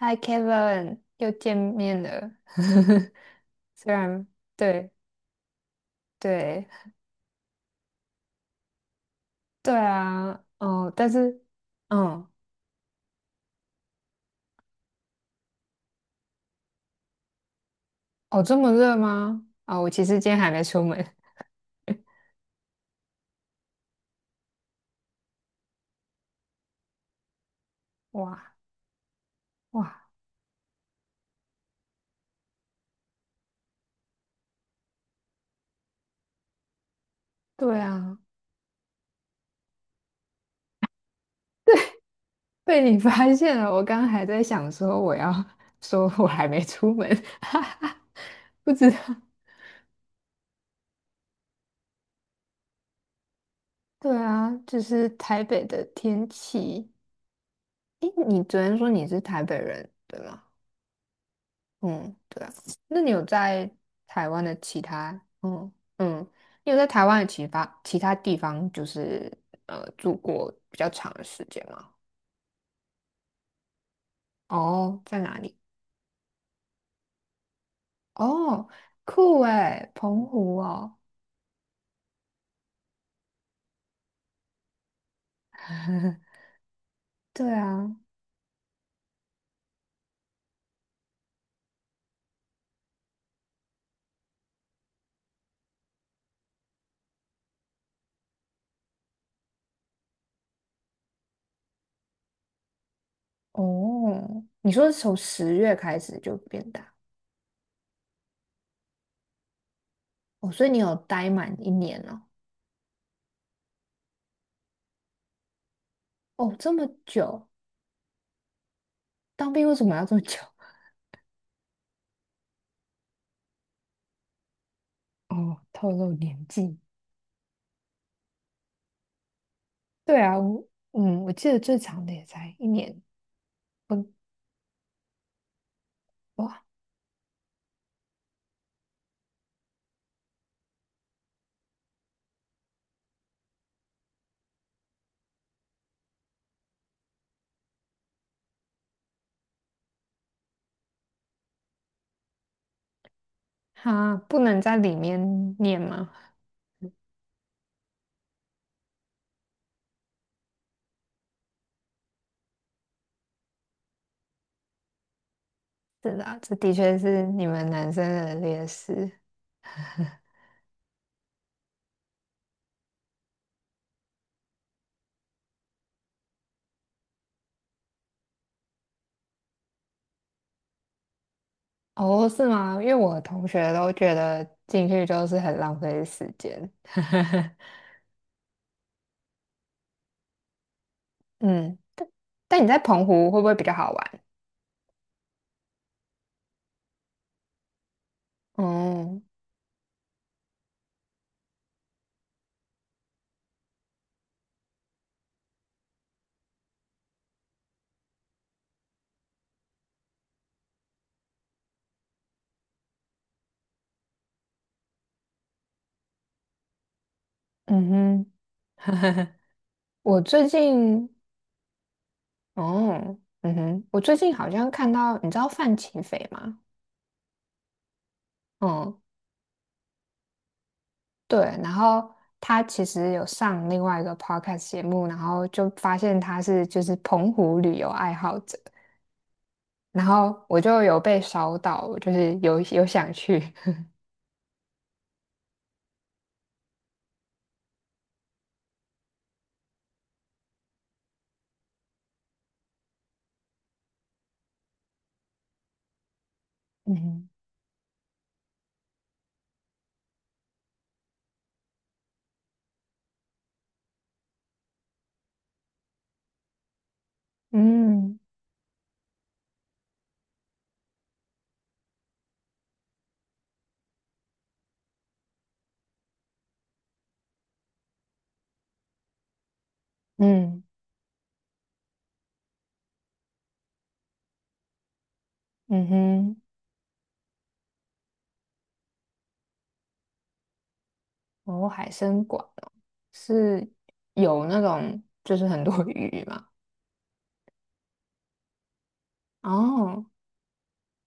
Hi Kevin，又见面了。虽然对对对啊，哦，但是嗯，哦，这么热吗？啊、我其实今天还没出门。哇，哇，对啊，被你发现了。我刚刚还在想说我要说我还没出门，哈哈，不知道。对啊，就是台北的天气。诶，你昨天说你是台北人，对吗？嗯，对啊。那你有在台湾的其他，嗯，你有在台湾的其他地方，就是住过比较长的时间吗？哦，在哪里？哦，酷诶，澎湖哦。对啊，哦，你说是从10月开始就变大，哦，所以你有待满一年了，哦，这么久，当兵为什么要这么久？哦，透露年纪。对啊，我记得最长的也才一年，哇，他不能在里面念吗？是的啊，这的确是你们男生的劣势。哦，是吗？因为我的同学都觉得进去就是很浪费时间。嗯，但你在澎湖会不会比较好玩？哦，嗯哼，我最近，哦，嗯哼，我最近好像看到，你知道范琪斐吗？嗯，对，然后他其实有上另外一个 podcast 节目，然后就发现他是就是澎湖旅游爱好者，然后我就有被烧到，就是有想去，嗯，嗯，嗯嗯哼，哦，海参馆哦，是有那种就是很多 鱼嘛，哦，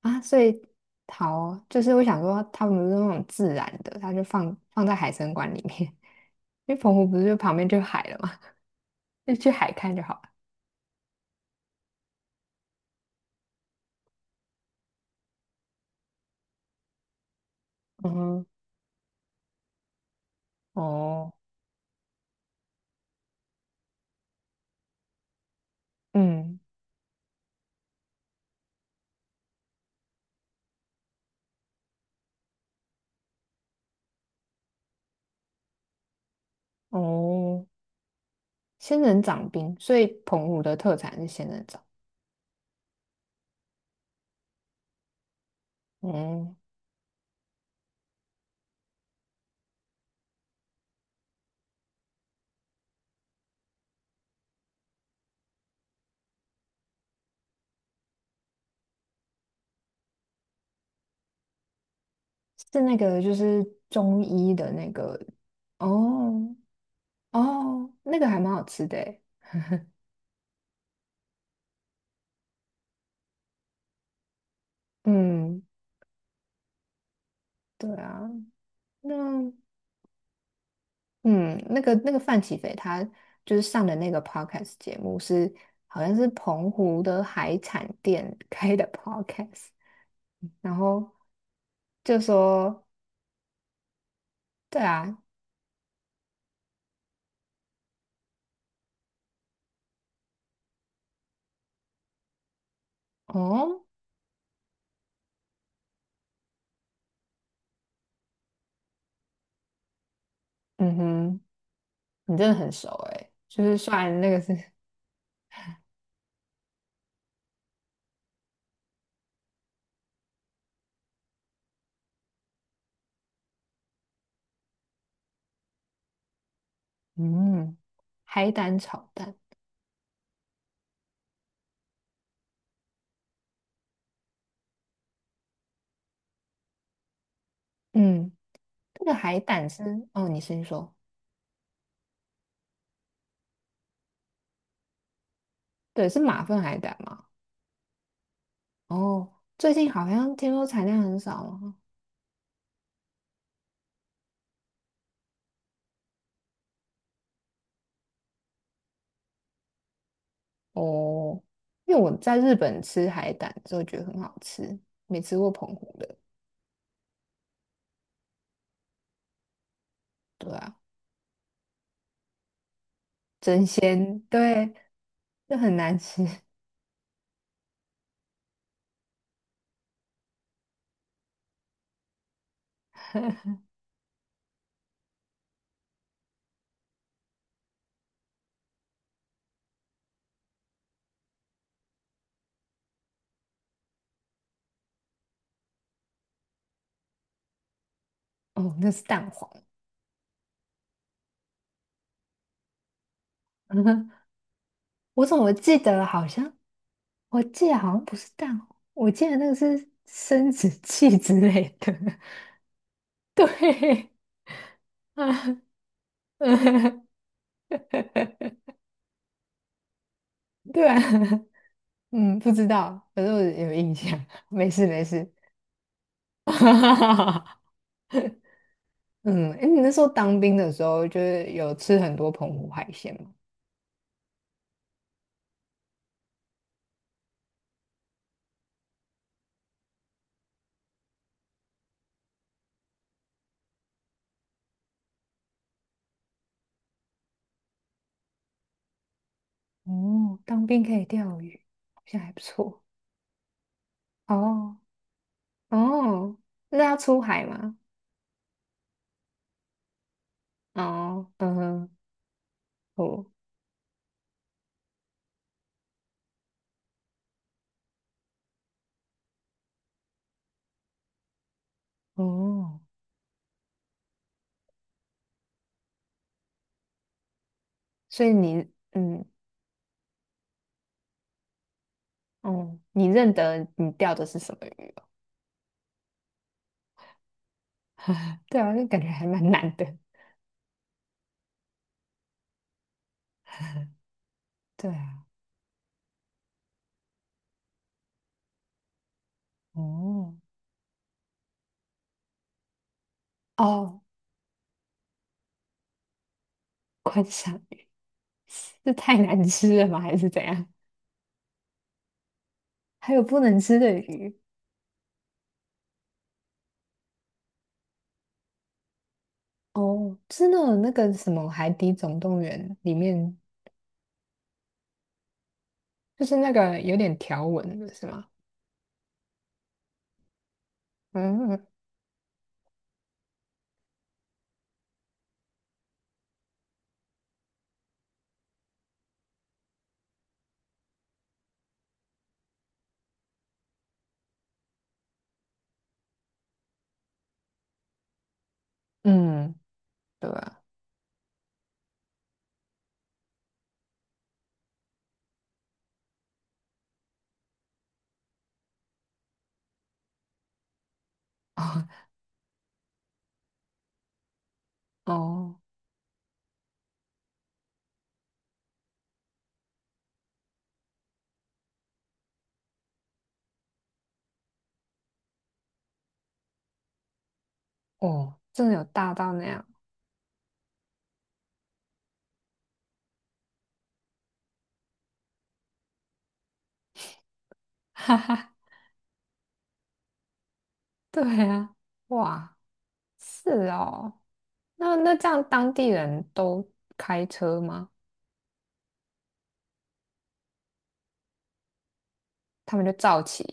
啊，所以好，就是我想说他们不是那种自然的，他就放在海参馆里面，因为澎湖不是就旁边就海了嘛。就去海看就好了。嗯哼，哦，嗯，哦，仙人掌冰，所以澎湖的特产是仙人掌。嗯，是那个就是中医的那个，哦，哦，那个还蛮好吃的诶。嗯，对啊，那范启斐他就是上的那个 podcast 节目是好像是澎湖的海产店开的 podcast，然后就说对啊，哦。嗯哼，你真的很熟诶，就是虽然那个是，嗯，海胆炒蛋，嗯，那个海胆是，哦，你先说，对，是马粪海胆吗？哦，最近好像听说产量很少了，哦，因为我在日本吃海胆就觉得很好吃，没吃过澎湖的，对啊，真鲜，对，就很难吃，哦，那是蛋黄，我怎么记得好像不是蛋黄，我记得那个是生殖器之类的。对，啊，嗯，对啊，嗯，不知道，反正我有印象。没事没事。嗯，哎，你那时候当兵的时候，就是有吃很多澎湖海鲜吗？哦，当兵可以钓鱼，好像还不错。哦，哦，那要出海吗？哦，嗯哼，哦，哦，所以你嗯，哦，你认得你钓的是什么鱼吗？对啊，那感觉还蛮难的。对啊，哦，哦，观赏鱼，这太难吃了吗？还是怎样？还有不能吃的鱼？哦，真的那个什么《海底总动员》里面，就是那个有点条纹的是吗？嗯，嗯，对啊，哦，哦，哦，真的有大到那样，哈哈，对啊，哇，是哦，那那这样当地人都开车吗？他们就造齐，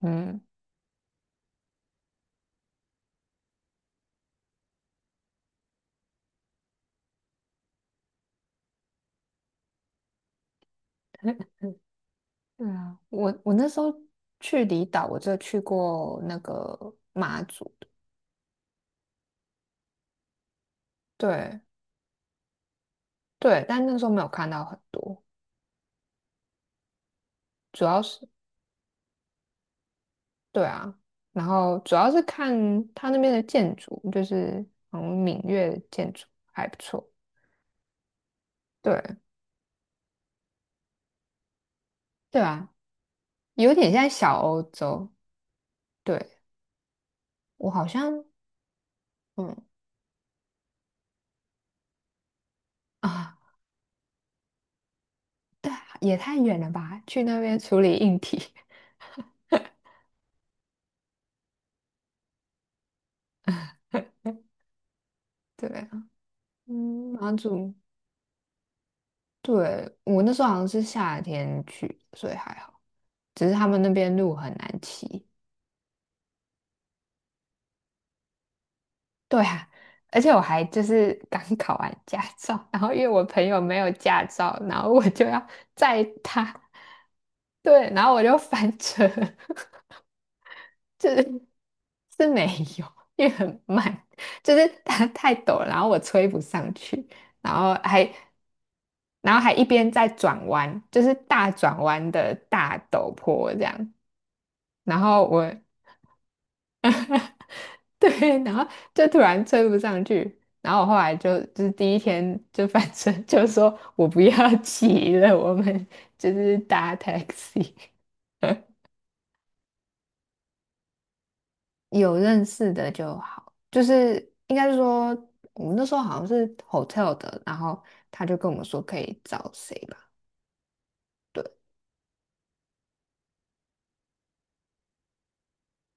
嗯，对啊，我那时候去离岛，我就去过那个马祖的，对，对，但那时候没有看到很多，主要是对啊，然后主要是看他那边的建筑，就是嗯像闽粤的建筑还不错，对，对啊，有点像小欧洲，对我好像嗯啊，对啊也太远了吧，去那边处理硬体，对啊，嗯，马祖。对，我那时候好像是夏天去，所以还好。只是他们那边路很难骑。对啊，而且我还就是 刚考完驾照，然后因为我朋友没有驾照，然后我就要载他，对，然后我就翻车，就是是没有，因为很慢，就是它太陡了，然后我吹不上去，然后还然后还一边在转弯，就是大转弯的大陡坡这样。然后我 对，然后就突然追不上去，然后我后来就是第一天就反正 就说我不要骑了，我们就是搭 taxi。有认识的就好，就是应该是说我们那时候好像是 hotel 的，然后他就跟我们说可以找谁吧，对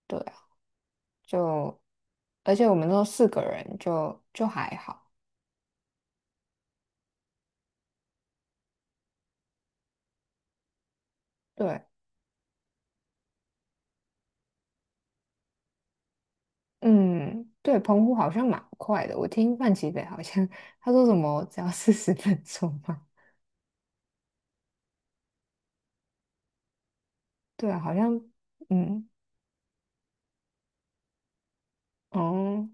对啊，就而且我们那时候四个人就就还好，对，嗯，对，澎湖好像蛮快的。我听范琪斐好像他 说什么只要40分钟嘛。对啊，好像嗯哦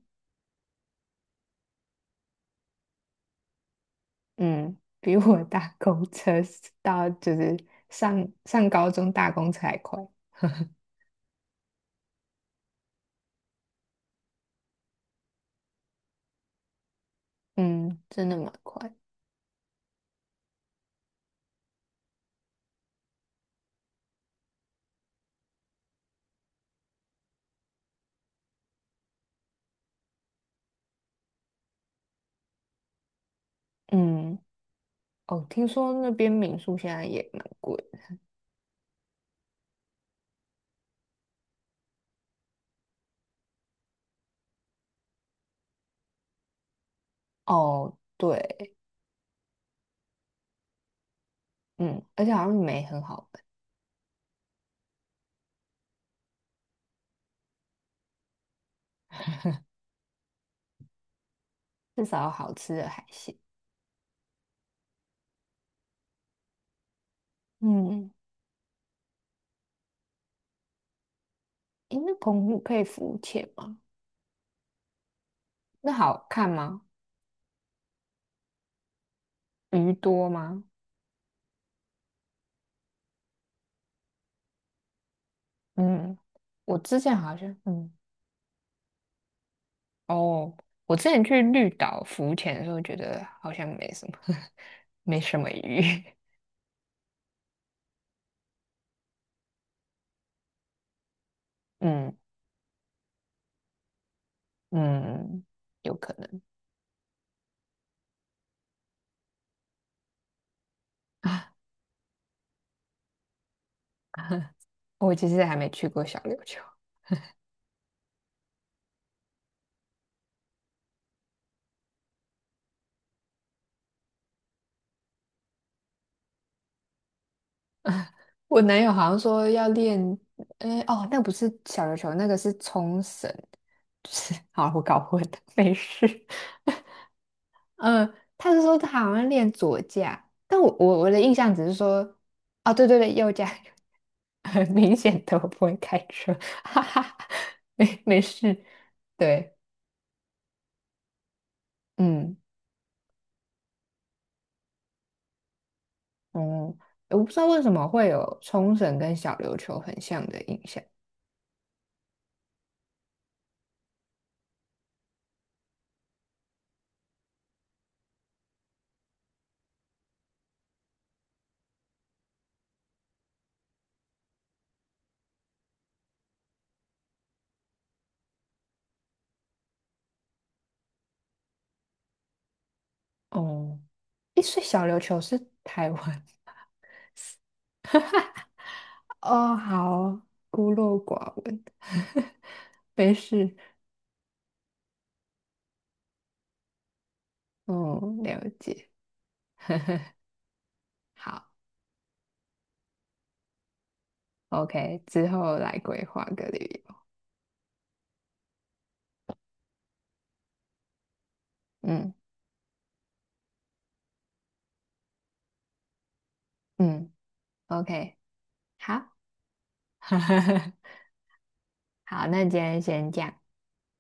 嗯，比我搭公车到就是上高中搭公车还快。嗯，真的蛮快。嗯哦，听说那边民宿现在也蛮贵的哦，对，嗯，而且好像没很好玩，至少有好吃的海鲜。嗯，诶，那澎湖可以浮潜吗？那好看吗？鱼多吗？嗯，我之前好像，嗯，哦，我之前去绿岛浮潜的时候，觉得好像没什么，没什么鱼。嗯，嗯，有可能。我其实还没去过小琉球。我男友好像说要练，哎、哦，那不是小琉球，那个是冲绳，就是 好，我搞混了，没事。嗯，他是说他好像练左架，但我的印象只是说，哦，对对对，右架，很明显的我不会开车，哈哈没没事。对，嗯，嗯，我不知道为什么会有冲绳跟小琉球很像的印象。哦，诶，所以小琉球是台湾。哦，好，孤陋寡闻，没事。嗯，了解。好，OK，之后来规划个旅游。嗯，嗯，OK，好，好，那今天先这样。